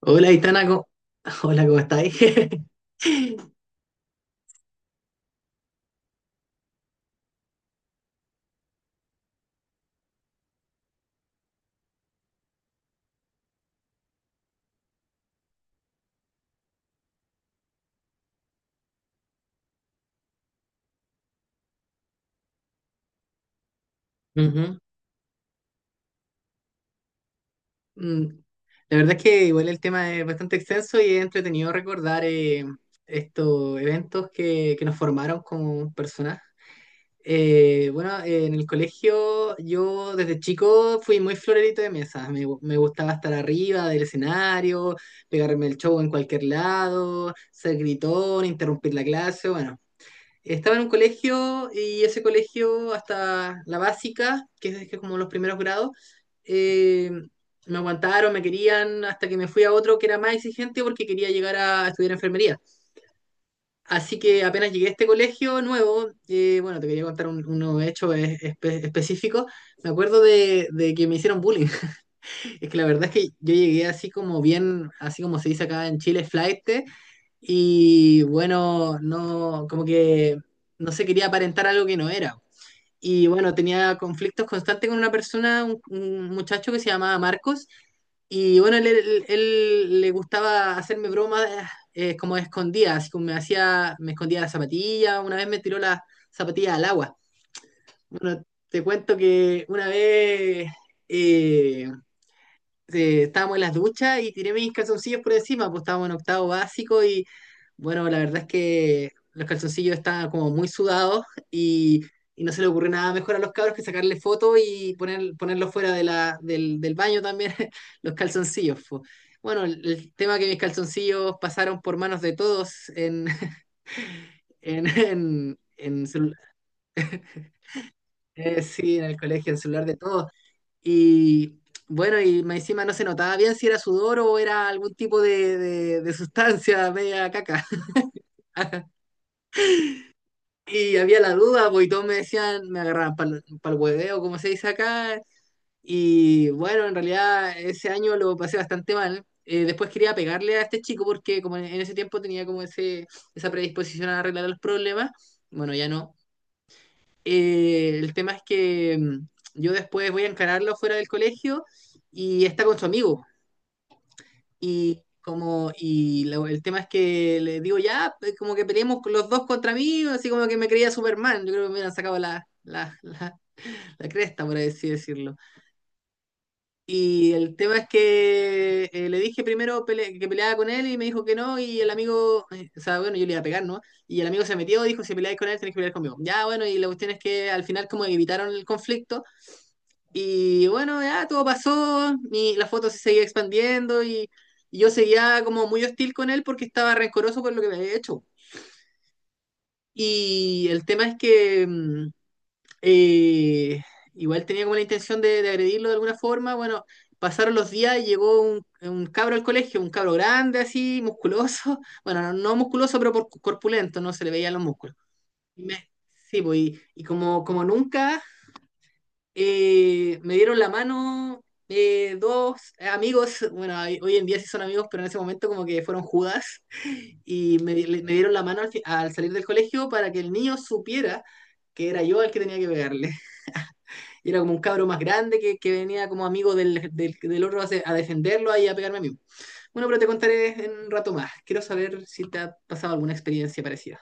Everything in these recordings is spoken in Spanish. Hola, Itana, ¿cómo- Hola, ¿cómo estáis? Ujú. Mm, La verdad es que igual el tema es bastante extenso y es entretenido recordar estos eventos que nos formaron como personas. Bueno, en el colegio, yo desde chico fui muy florerito de mesa. Me gustaba estar arriba del escenario, pegarme el show en cualquier lado, ser gritón, interrumpir la clase, bueno. Estaba en un colegio y ese colegio hasta la básica, que es como los primeros grados, eh, me aguantaron, me querían, hasta que me fui a otro que era más exigente porque quería llegar a estudiar enfermería. Así que apenas llegué a este colegio nuevo, bueno, te quería contar uno hecho específico, me acuerdo de que me hicieron bullying. Es que la verdad es que yo llegué así como bien, así como se dice acá en Chile, flaite, y bueno, no, como que no se quería aparentar algo que no era. Y bueno, tenía conflictos constantes con una persona, un muchacho que se llamaba Marcos. Y bueno, él le gustaba hacerme bromas como escondidas, así como me hacía, me escondía la zapatilla, una vez me tiró la zapatilla al agua. Bueno, te cuento que una vez, eh, estábamos en las duchas y tiré mis calzoncillos por encima, pues estábamos en octavo básico y bueno, la verdad es que los calzoncillos estaban como muy sudados y, y no se le ocurrió nada mejor a los cabros que sacarle foto y ponerlos fuera de del baño también, los calzoncillos. Po. Bueno, el tema que mis calzoncillos pasaron por manos de todos en, en sí, en el colegio, en el celular de todos. Y bueno, y más encima no se notaba bien si era sudor o era algún tipo de sustancia media caca. Y había la duda, pues, y todos me decían, me agarraban para el hueveo, como se dice acá. Y bueno, en realidad ese año lo pasé bastante mal. Después quería pegarle a este chico porque como en ese tiempo tenía como ese, esa predisposición a arreglar los problemas. Bueno, ya no. El tema es que yo después voy a encararlo fuera del colegio y está con su amigo. El tema es que le digo, ya, pues, como que peleemos los dos contra mí, así como que me creía Superman. Yo creo que me han sacado la cresta, por así decirlo. Y el tema es que le dije primero que peleaba con él y me dijo que no, y el amigo, bueno, yo le iba a pegar, ¿no? Y el amigo se metió, dijo, si peleáis con él, tenéis que pelear conmigo. Ya, bueno, y la cuestión es que al final como evitaron el conflicto. Y bueno, ya todo pasó, la foto se seguía expandiendo y yo seguía como muy hostil con él porque estaba rencoroso por lo que me había hecho. Y el tema es que eh, igual tenía como la intención de agredirlo de alguna forma. Bueno, pasaron los días y llegó un cabro al colegio, un cabro grande así, musculoso. Bueno, no, no musculoso, corpulento, no se le veían los músculos. Y me- sí, pues, y como, como nunca me dieron la mano dos amigos, bueno, hoy en día sí son amigos, pero en ese momento como que fueron Judas, y me dieron la mano al salir del colegio para que el niño supiera que era yo el que tenía que pegarle. Y era como un cabro más grande que venía como amigo del otro a defenderlo y a pegarme a mí. Bueno, pero te contaré en un rato más. Quiero saber si te ha pasado alguna experiencia parecida.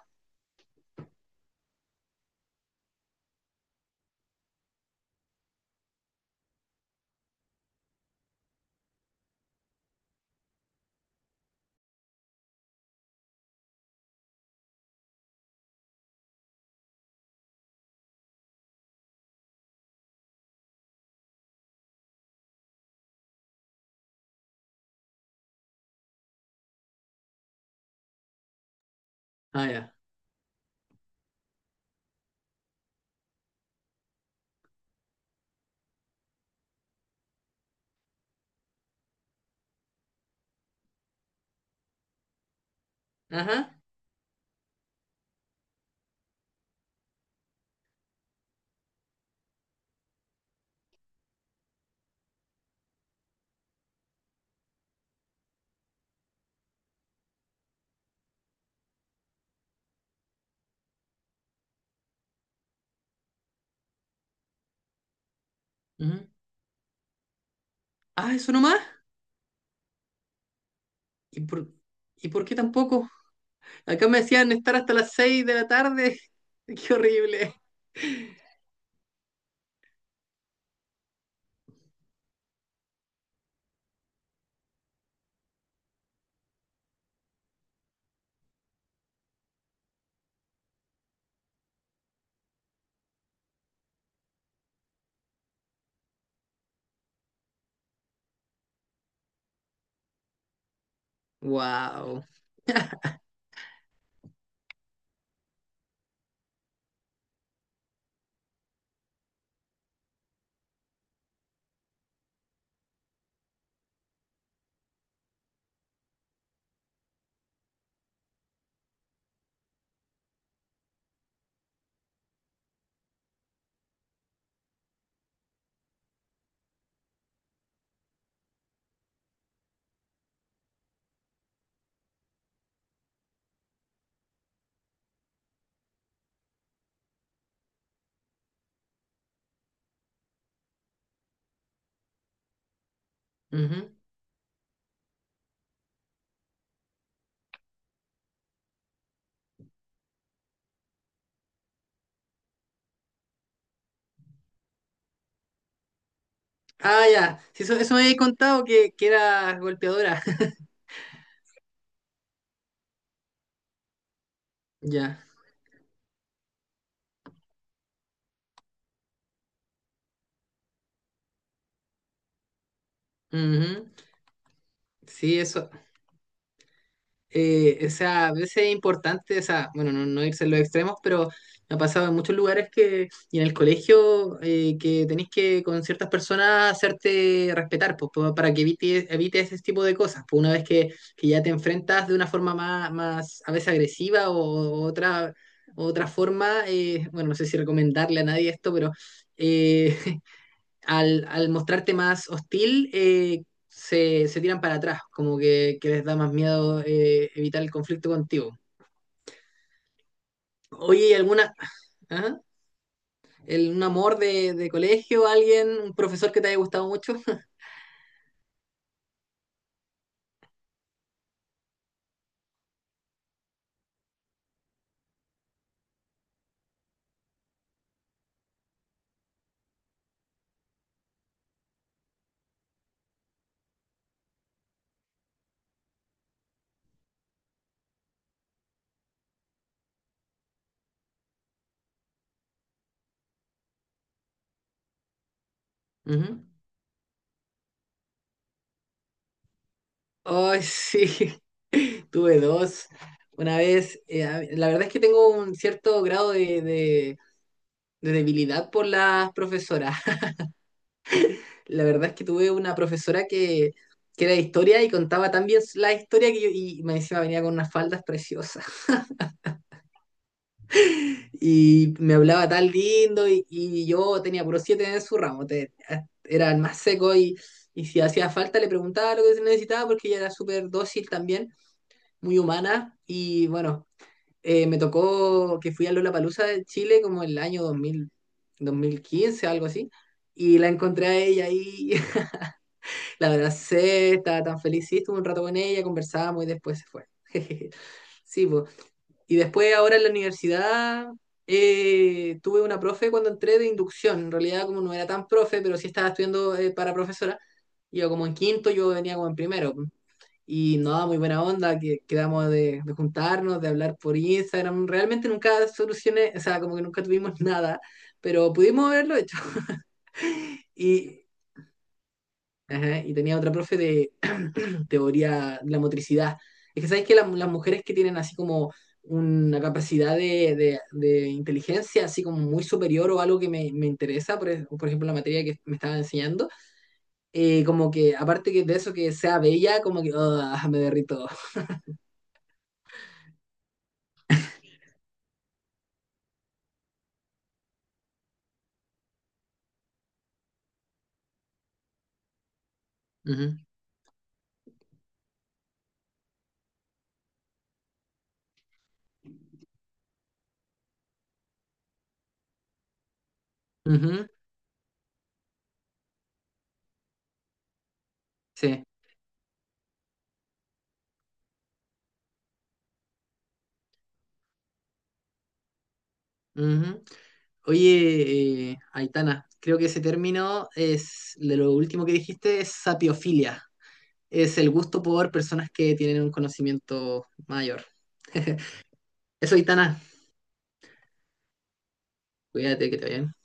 Ah, ya. Ajá. Ujú. Ah, ¿eso nomás? ¿Y por, ¿Y por qué tampoco? Acá me decían estar hasta las 6 de la tarde. Qué horrible. Wow. Ujú. Ah, ya. Sí, eso me habéis contado que era golpeadora. Ya. Ujú. Sí, eso, a veces es importante, o sea, bueno, no, no irse a los extremos, pero me ha pasado en muchos lugares que, y en el colegio, que tenés que con ciertas personas hacerte respetar, pues, para que evite ese tipo de cosas. Pues una vez que ya te enfrentas de una forma más a veces agresiva o otra, otra forma, bueno, no sé si recomendarle a nadie esto, pero... eh, al mostrarte más hostil, se tiran para atrás, como que les da más miedo evitar el conflicto contigo. Oye, ¿y alguna... ¿Ah? Un amor de colegio, alguien, un profesor que te haya gustado mucho. Ujú. Ay, sí, tuve dos. Una vez, la verdad es que tengo un cierto grado de debilidad por las profesoras. La verdad es que tuve una profesora que era de historia y contaba tan bien la historia que yo, y me decía, venía con unas faldas preciosas. Y me hablaba tan lindo y yo tenía puro siete en su ramo, era el más seco y si hacía falta le preguntaba lo que se necesitaba porque ella era súper dócil también, muy humana. Y bueno, me tocó que fui a Lollapalooza de Chile como el año 2000, 2015, algo así, y la encontré a ella ahí. La abracé, estaba tan feliz, sí, estuve un rato con ella, conversábamos y después se fue. Sí, pues. Y después ahora en la universidad tuve una profe cuando entré de inducción. En realidad como no era tan profe, pero sí estaba estudiando para profesora. Iba como en quinto, yo venía como en primero. Y no, muy buena onda, que quedamos de juntarnos, de hablar por Instagram. Realmente nunca solucioné, o sea, como que nunca tuvimos nada, pero pudimos haberlo hecho. Y, ajá, y tenía otra profe de teoría de la motricidad. Es que sabéis que las mujeres que tienen así como una capacidad de inteligencia así como muy superior o algo que me interesa, por ejemplo la materia que me estaba enseñando, como que aparte que de eso que sea bella, como que ah, me derrito. Ujú, ujú, sí. Ujú. Oye, Aitana, creo que ese término es de lo último que dijiste, es sapiofilia. Es el gusto por personas que tienen un conocimiento mayor. Eso, Itana, cuídate, que te vaya bien.